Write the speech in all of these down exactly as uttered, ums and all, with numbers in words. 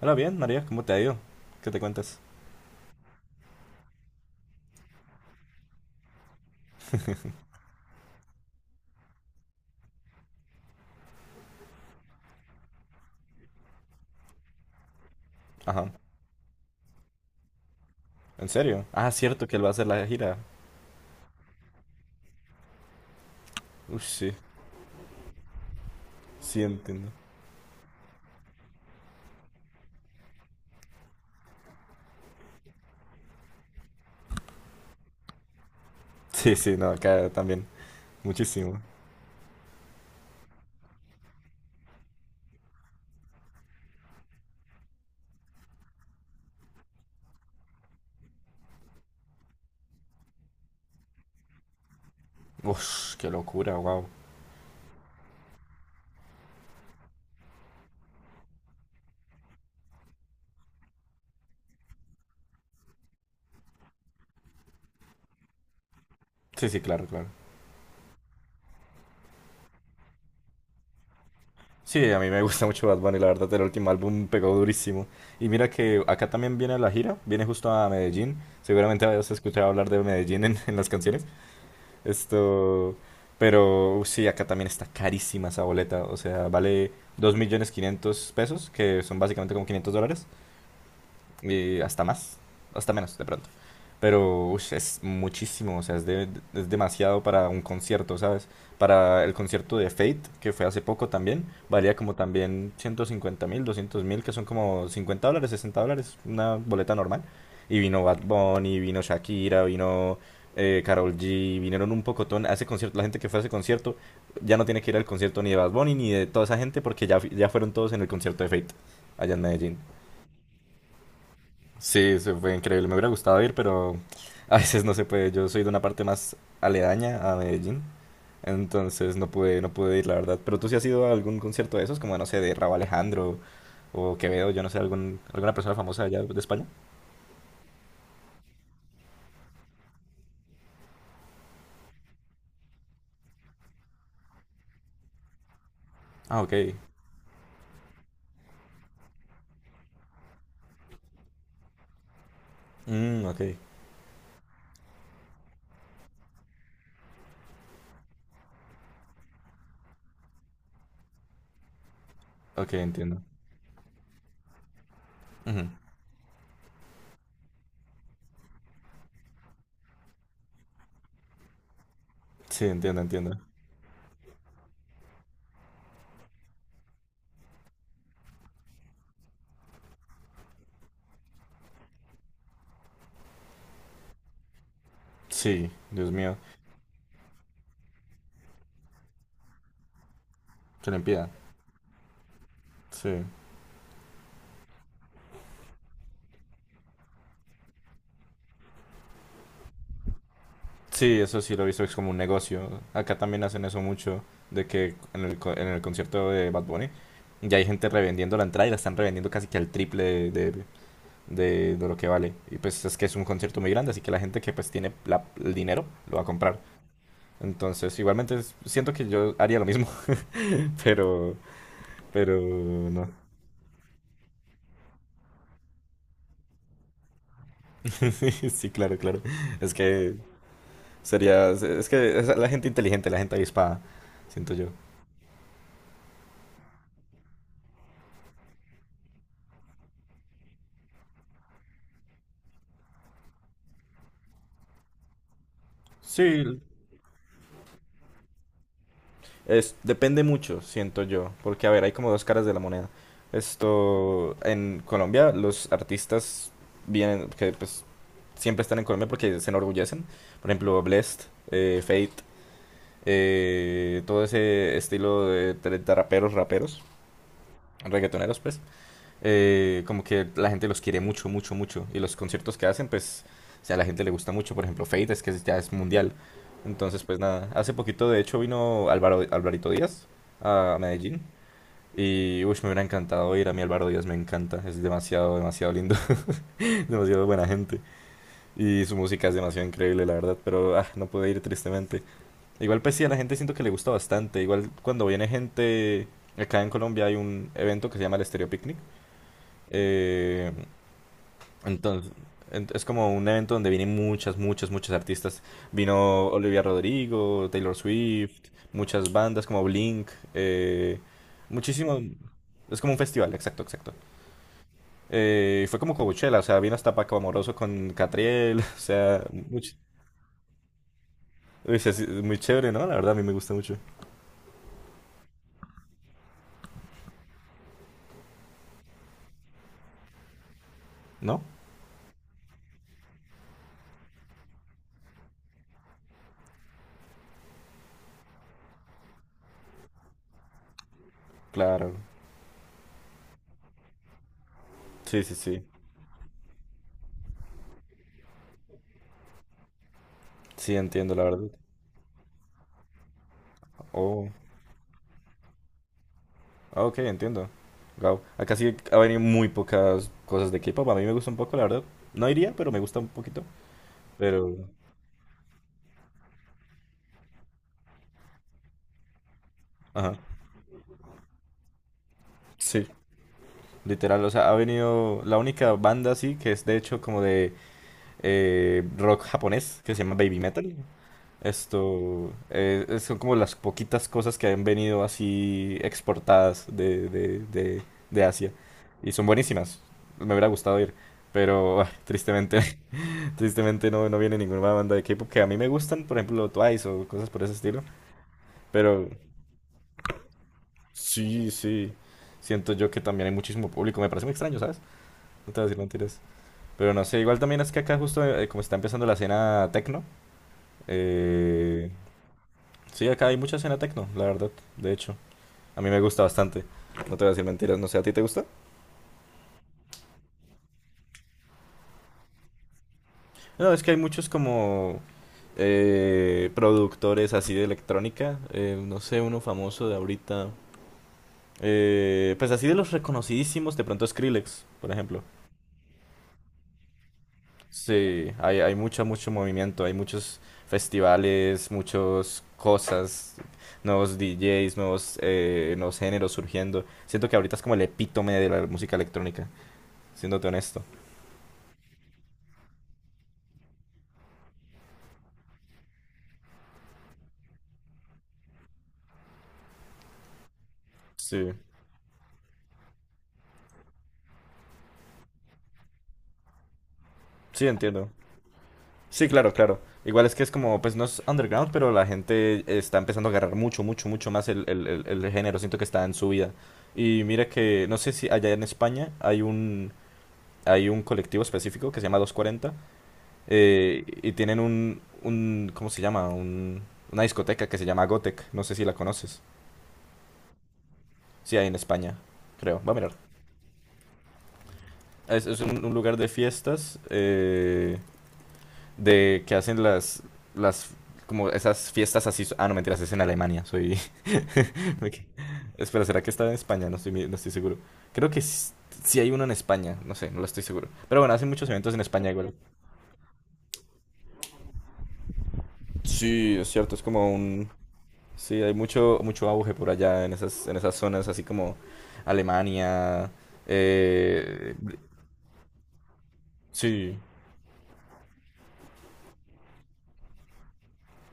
Hola, bien, María, ¿cómo te ha ido? ¿Qué te cuentas? Ajá, ¿en serio? Ah, cierto que él va a hacer la gira. Uy, sí, sí entiendo. Sí, sí, no, acá también. Muchísimo. Uf, qué locura, wow. Sí, sí, claro, claro. Sí, a mí me gusta mucho Bad Bunny, la verdad, el último álbum pegó durísimo. Y mira que acá también viene la gira, viene justo a Medellín. Seguramente habías escuchado hablar de Medellín en, en las canciones. Esto, pero uh, sí, acá también está carísima esa boleta. O sea, vale dos millones quinientos pesos, que son básicamente como quinientos dólares, y hasta más, hasta menos de pronto. Pero ush, es muchísimo, o sea, es, de- es demasiado para un concierto, ¿sabes? Para el concierto de Fate, que fue hace poco también, valía como también ciento cincuenta mil, doscientos mil, que son como cincuenta dólares, sesenta dólares, una boleta normal. Y vino Bad Bunny, vino Shakira, vino eh, Karol G, vinieron un pocotón a ese concierto. La gente que fue a ese concierto ya no tiene que ir al concierto ni de Bad Bunny ni de toda esa gente porque ya, ya fueron todos en el concierto de Fate allá en Medellín. Sí, se fue increíble. Me hubiera gustado ir, pero a veces no se puede. Yo soy de una parte más aledaña a Medellín, entonces no pude, no pude ir, la verdad. Pero tú sí has ido a algún concierto de esos, como no sé, de Rauw Alejandro o Quevedo, yo no sé, algún, alguna persona famosa allá de España. Ah, ok. Mm, ok. Ok, entiendo. Ujú. Sí, entiendo, entiendo. Sí, Dios mío, que le impida. Sí. Sí, eso sí lo he visto, es como un negocio. Acá también hacen eso mucho, de que en el, co- en el concierto de Bad Bunny ya hay gente revendiendo la entrada y la están revendiendo casi que al triple de, de- de- de lo que vale. Y pues es que es un concierto muy grande, así que la gente que pues tiene la- el dinero lo va a comprar. Entonces, igualmente es- siento que yo haría lo mismo, pero, pero no. Sí, claro, claro. Es que sería, es que es la gente inteligente, la gente avispada, siento yo. Sí, es depende mucho, siento yo, porque a ver, hay como dos caras de la moneda. Esto, en Colombia los artistas vienen, que pues siempre están en Colombia porque se enorgullecen. Por ejemplo, Blessd, eh, Fate, eh, todo ese estilo de, de raperos, raperos, reggaetoneros, pues eh, como que la gente los quiere mucho, mucho, mucho. Y los conciertos que hacen, pues, o sea, a la gente le gusta mucho. Por ejemplo, Fate es que es- ya es mundial. Entonces, pues nada. Hace poquito, de hecho, vino Álvaro, Alvarito Díaz a Medellín. Y, uy, me hubiera encantado ir a mí, Álvaro Díaz me encanta. Es demasiado, demasiado lindo. demasiado buena gente. Y su música es demasiado increíble, la verdad. Pero, ah, no pude ir tristemente. Igual, pues sí, a la gente siento que le gusta bastante. Igual, cuando viene gente... Acá en Colombia hay un evento que se llama el Stereo Picnic. Eh, Entonces, ent- es como un evento donde vienen muchas, muchas, muchas artistas. Vino Olivia Rodrigo, Taylor Swift, muchas bandas como Blink, eh, muchísimo. Es como un festival, exacto, exacto. Eh, fue como Coachella, o sea, vino hasta Paco Amoroso con Catriel, o sea, much- uy, sí, sí, muy chévere, ¿no? La verdad, a mí me gusta mucho. ¿No? Claro. Sí, sí, sí. Sí, entiendo, la verdad. Oh. Ah, ok, entiendo. Wow. Acá sí ha venido muy pocas cosas de K-pop. A mí me gusta un poco, la verdad. No iría, pero me gusta un poquito. Pero, ajá. Sí, literal. O sea, ha venido la única banda así que es de hecho como de eh, rock japonés que se llama Baby Metal. Esto eh, es- son como las poquitas cosas que han venido así exportadas de, de, de, de Asia. Y son buenísimas. Me hubiera gustado ir. Pero ah, tristemente tristemente no, no viene ninguna banda de K-pop que a mí me gustan, por ejemplo Twice o cosas por ese estilo, pero sí, sí, siento yo que también hay muchísimo público, me parece muy extraño, ¿sabes? No te voy a decir mentiras, pero no sé, igual también es que acá justo eh, como está empezando la escena techno, eh, sí, acá hay mucha escena techno, la verdad, de hecho, a mí me gusta bastante, no te voy a decir mentiras, no sé, ¿a ti te gusta? No, es que hay muchos como eh, productores así de electrónica, eh, no sé, uno famoso de ahorita. Eh, pues así de los reconocidísimos, de pronto Skrillex, por ejemplo. Sí, hay, hay mucho, mucho movimiento, hay muchos festivales, muchas cosas, nuevos D Js, nuevos, eh, nuevos géneros surgiendo. Siento que ahorita es como el epítome de la música electrónica, siéndote honesto. Sí, sí, entiendo. Sí, claro, claro. Igual es que es como, pues no es underground, pero la gente está empezando a agarrar mucho, mucho, mucho más el, el, el, el género. Siento que está en su vida. Y mira que, no sé si allá en España hay un, hay un colectivo específico que se llama dos cuarenta eh, y tienen un, un ¿cómo se llama? Un, una discoteca que se llama Gotec, no sé si la conoces, sí hay en España, creo, va a mirar. Es, es un, un lugar de fiestas eh, de que hacen las, las como esas fiestas así. Ah, no, mentiras, es en Alemania. Soy. Ok. Espera, ¿será que está en España? No estoy, mi- no estoy seguro. Creo que s- sí hay uno en España. No sé, no lo estoy seguro. Pero bueno, hacen muchos eventos en España igual. Sí, es cierto, es como un. Sí, hay mucho, mucho auge por allá en esas, en esas zonas, así como Alemania. eh, sí,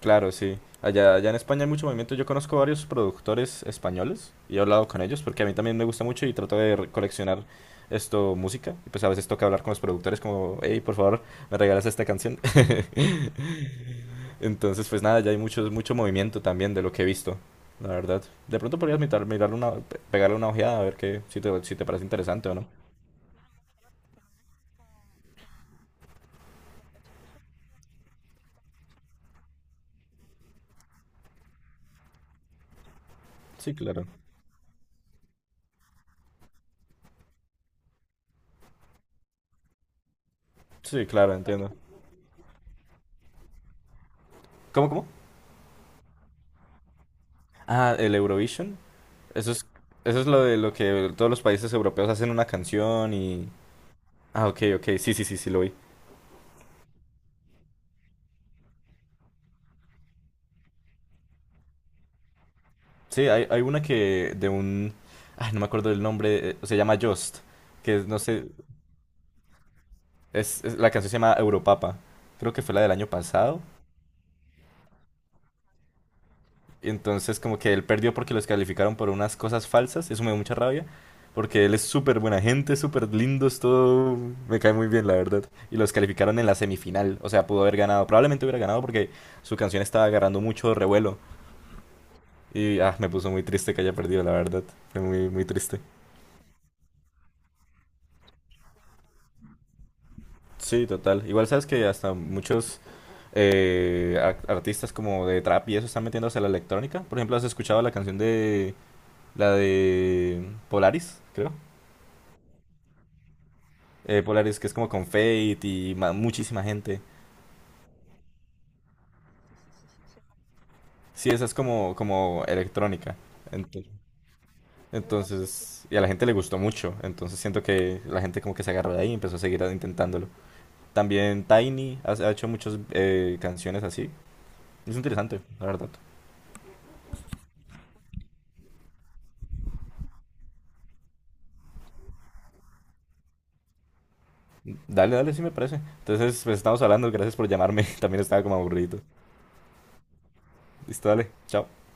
claro, sí. Allá, allá en España hay mucho movimiento. Yo conozco varios productores españoles y he hablado con ellos porque a mí también me gusta mucho y trato de re- coleccionar esto, música. Y pues a veces toca hablar con los productores como, hey, por favor, me regalas esta canción. Entonces, pues nada, ya hay mucho, mucho movimiento también de lo que he visto, la verdad. De pronto podrías mirar, mirarle una, pe- pegarle una ojeada a ver qué, si te, si te parece interesante o no. Sí, claro. Sí, claro, entiendo. ¿Cómo, cómo? Ah, el Eurovision. Eso es, eso es lo de lo que todos los países europeos hacen una canción y... Ah, ok, ok, sí, sí, sí, sí, lo vi. Sí, hay, hay una que de un... Ah, no me acuerdo del nombre, eh, se llama Just, que es, no sé, es, es- la canción se llama Europapa. Creo que fue la del año pasado. Entonces, como que él perdió porque los calificaron por unas cosas falsas. Eso me dio mucha rabia. Porque él es súper buena gente, súper lindo, es todo. Me cae muy bien, la verdad. Y los calificaron en la semifinal. O sea, pudo haber ganado. Probablemente hubiera ganado porque su canción estaba agarrando mucho revuelo. Y ah, me puso muy triste que haya perdido, la verdad. Fue muy, muy triste. Sí, total. Igual sabes que hasta muchos eh, ar- artistas como de trap y eso están metiéndose a la electrónica. Por ejemplo, ¿has escuchado la canción de la de Polaris, creo? eh, Polaris que es como con Fate y ma- muchísima gente. Sí, esa es como, como electrónica. Ento- Entonces, y a la gente le gustó mucho. Entonces siento que la gente como que se agarró de ahí y empezó a seguir intentándolo. También Tiny ha, ha hecho muchas eh, canciones así. Es interesante, la verdad. Dale, dale, sí me parece. Entonces, pues estamos hablando. Gracias por llamarme. También estaba como aburrido. Listo, dale. Chao.